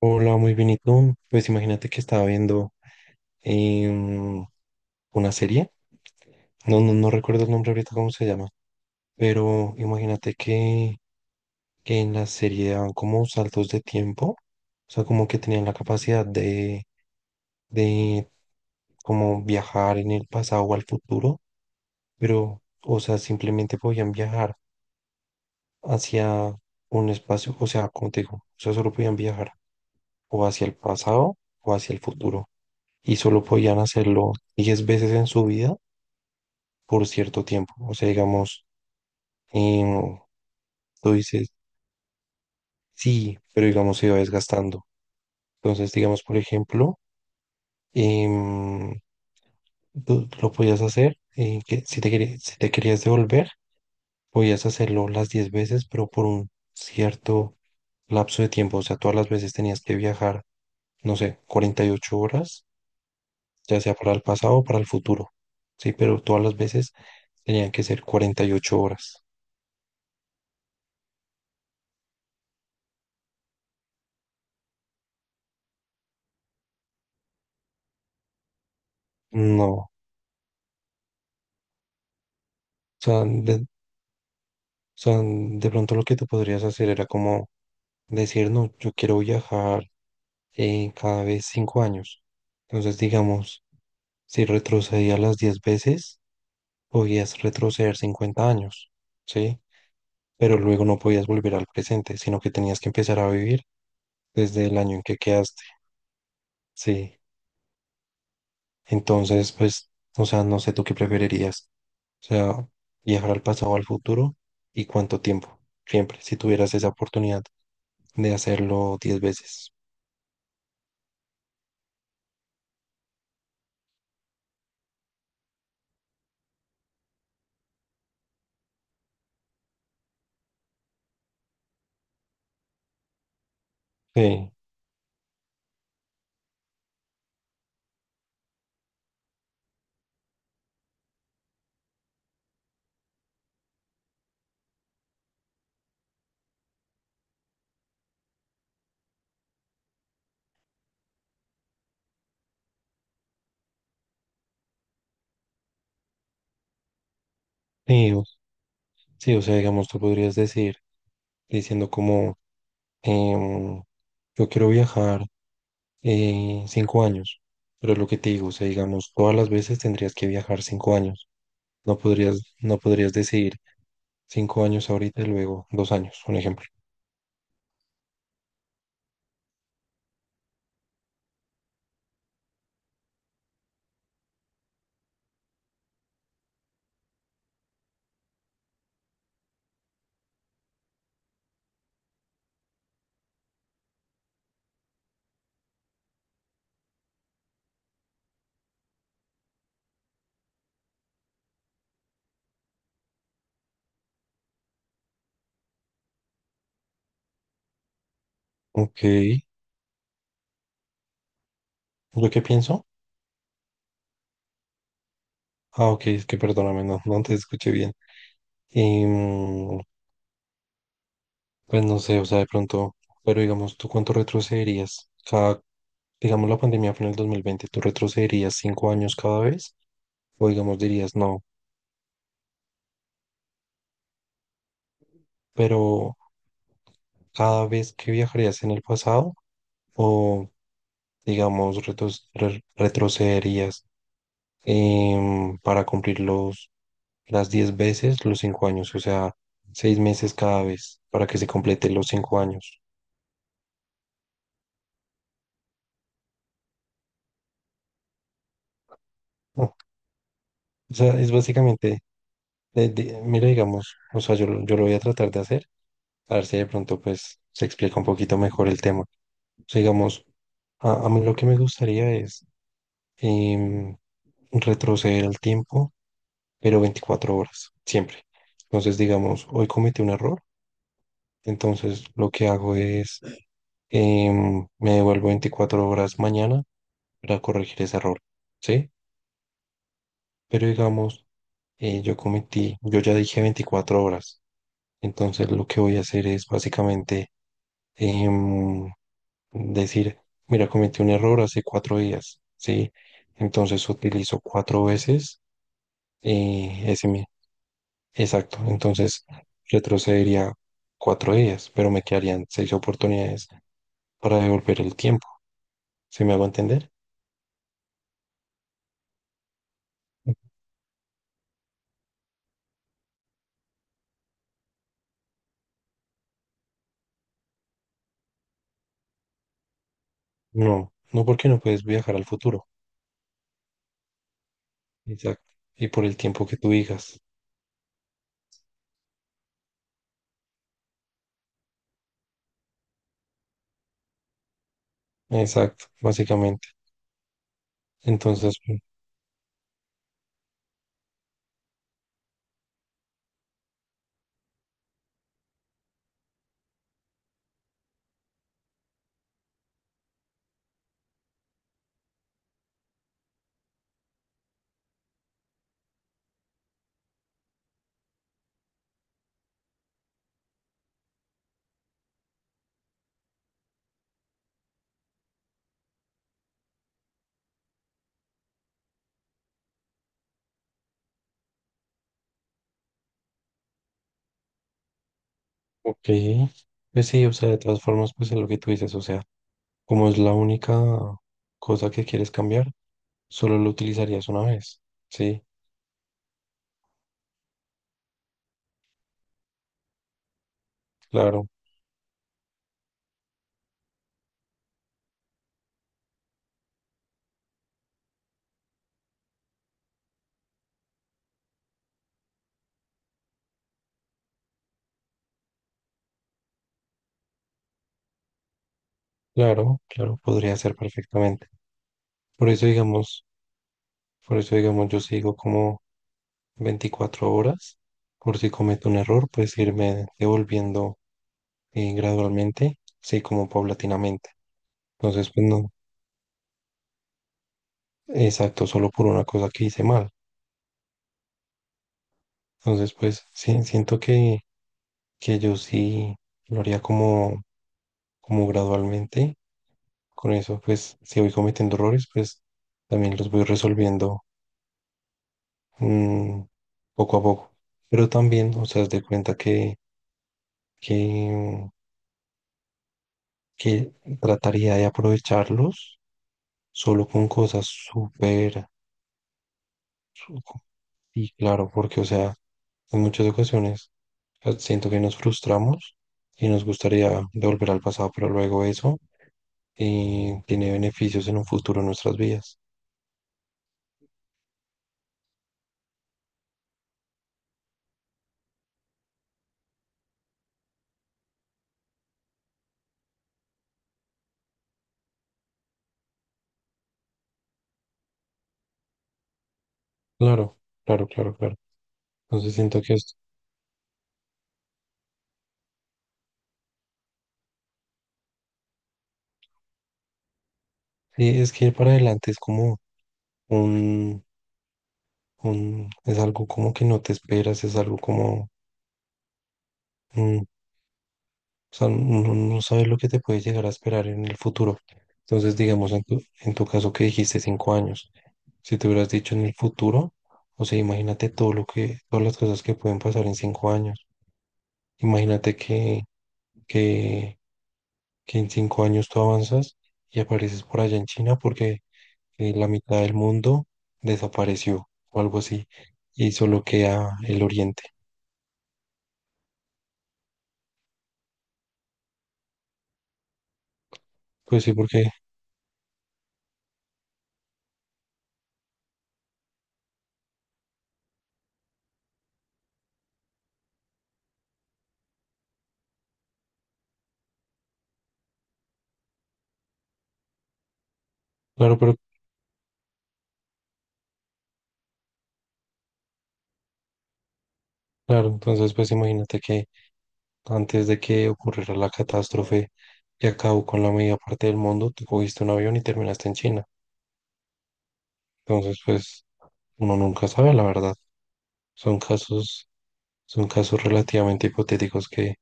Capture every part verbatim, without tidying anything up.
Hola, muy bien, ¿y tú? Pues imagínate que estaba viendo em, una serie, no, no, no recuerdo el nombre ahorita cómo se llama, pero imagínate que, que en la serie daban como saltos de tiempo, o sea, como que tenían la capacidad de, de como viajar en el pasado o al futuro, pero, o sea, simplemente podían viajar hacia un espacio, o sea, como te digo, o sea, solo podían viajar o hacia el pasado o hacia el futuro, y solo podían hacerlo diez veces en su vida por cierto tiempo. O sea, digamos, em, tú dices, sí, pero digamos se va desgastando. Entonces, digamos, por ejemplo, em, tú lo podías hacer, eh, que si te querías, si te querías devolver, podías hacerlo las diez veces, pero por un cierto lapso de tiempo. O sea, todas las veces tenías que viajar, no sé, cuarenta y ocho horas, ya sea para el pasado o para el futuro. Sí, pero todas las veces tenían que ser cuarenta y ocho horas. No, o sea, de- o sea, de pronto lo que tú podrías hacer era como decir, no, yo quiero viajar eh, cada vez cinco años. Entonces, digamos, si retrocedía las diez veces, podías retroceder cincuenta años, ¿sí? Pero luego no podías volver al presente, sino que tenías que empezar a vivir desde el año en que quedaste, ¿sí? Entonces, pues, o sea, no sé tú qué preferirías. O sea, viajar al pasado o al futuro y cuánto tiempo, siempre, si tuvieras esa oportunidad de hacerlo diez veces. Sí. Sí, o- sí, o sea, digamos, tú podrías decir, diciendo como, em, yo quiero viajar eh, cinco años, pero es lo que te digo, o sea, digamos, todas las veces tendrías que viajar cinco años, no podrías, no podrías decir cinco años ahorita y luego dos años, un ejemplo. Ok, ¿yo qué pienso? Ah, ok, es que perdóname, no, no te escuché bien. Em, pues no sé, o sea, de pronto, pero digamos, ¿tú cuánto retrocederías? Cada, digamos, la pandemia fue en el dos mil veinte, ¿tú retrocederías cinco años cada vez? O digamos dirías no, pero cada vez que viajarías en el pasado o digamos retos- re- retrocederías em, para cumplir los, las diez veces los cinco años, o sea, seis meses cada vez para que se complete los cinco años. Ah, o sea, es básicamente, eh, di- mira, digamos, o sea, yo, lo- yo lo voy a tratar de hacer, a ver si de pronto pues se explica un poquito mejor el tema. O sea, digamos, a, a mí lo que me gustaría es em, retroceder el tiempo pero veinticuatro horas, siempre. Entonces, digamos, hoy cometí un error, entonces lo que hago es, em, me devuelvo veinticuatro horas mañana para corregir ese error, ¿sí? Pero digamos, eh, yo cometí, yo ya dije veinticuatro horas, entonces lo que voy a hacer es básicamente em, decir, mira, cometí un error hace cuatro días, ¿sí? Entonces utilizo cuatro veces eh, ese. Exacto, entonces retrocedería cuatro días, pero me quedarían seis oportunidades para devolver el tiempo. ¿Se me hago entender? No, no porque no puedes viajar al futuro. Exacto. Y por el tiempo que tú digas. Exacto, básicamente. Entonces, ok. Pues sí, o sea, de todas formas, pues es lo que tú dices, o sea, como es la única cosa que quieres cambiar, solo lo utilizarías una vez. Sí, claro, claro, claro, podría ser perfectamente. Por eso, digamos... Por eso, digamos, yo sigo como veinticuatro horas. Por si cometo un error, pues irme devolviendo eh, gradualmente, sí, como paulatinamente. Entonces, pues no, exacto, solo por una cosa que hice mal. Entonces, pues sí, siento que, que yo sí lo haría como, como gradualmente. Con eso, pues si voy cometiendo errores, pues también los voy resolviendo mm, poco a poco. Pero también, o sea, haz de cuenta que, que que trataría de aprovecharlos solo con cosas súper, su- y claro, porque, o sea, en muchas ocasiones eh, siento que nos frustramos y nos gustaría devolver al pasado, pero luego eso eh, tiene beneficios en un futuro en nuestras vidas. Claro, claro, claro, claro. Entonces siento que es, sí, es que ir para adelante es como un, un, es algo como que no te esperas, es algo como, mm, o sea, no, no sabes lo que te puede llegar a esperar en el futuro. Entonces, digamos, en tu, en tu caso que dijiste cinco años, si te hubieras dicho en el futuro, o sea, imagínate todo lo que, todas las cosas que pueden pasar en cinco años. Imagínate que, que, que en cinco años tú avanzas y apareces por allá en China porque eh, la mitad del mundo desapareció o algo así y solo queda el oriente. Pues sí, porque, claro, pero claro, entonces pues imagínate que antes de que ocurriera la catástrofe y acabó con la media parte del mundo, tú cogiste un avión y terminaste en China. Entonces, pues uno nunca sabe, la verdad. Son casos, son casos relativamente hipotéticos que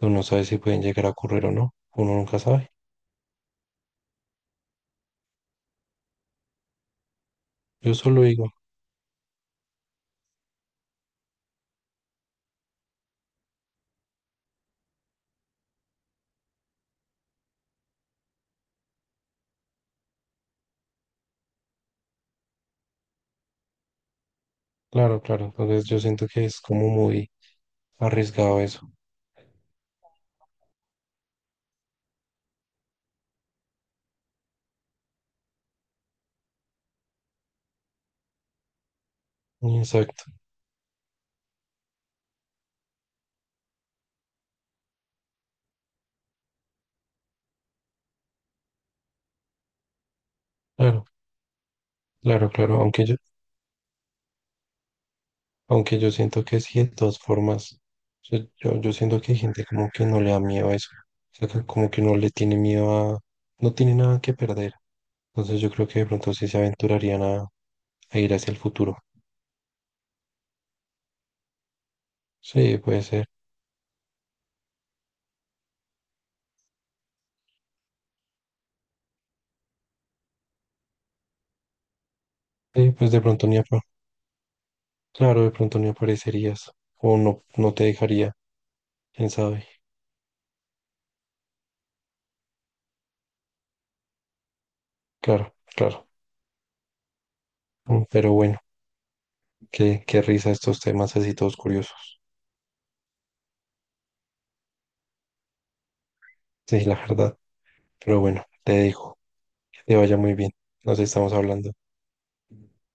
uno no sabe si pueden llegar a ocurrir o no. Uno nunca sabe. Yo solo digo, claro, claro. Entonces yo siento que es como muy arriesgado eso. Exacto. Claro, claro, claro, Aunque yo Aunque yo siento que sí, de todas formas, o yo, yo siento que hay gente como que no le da miedo a eso, o sea, que como que no le tiene miedo a, no tiene nada que perder. Entonces yo creo que de pronto sí se aventurarían a, a ir hacia el futuro. Sí, puede ser. Sí, pues de pronto ni, apa- claro, de pronto ni aparecerías o no, no te dejaría, quién sabe. Claro, claro. Mm. Pero bueno, qué, qué risa estos temas así todos curiosos. Sí, la verdad. Pero bueno, te dejo. Que te vaya muy bien. Nos estamos hablando.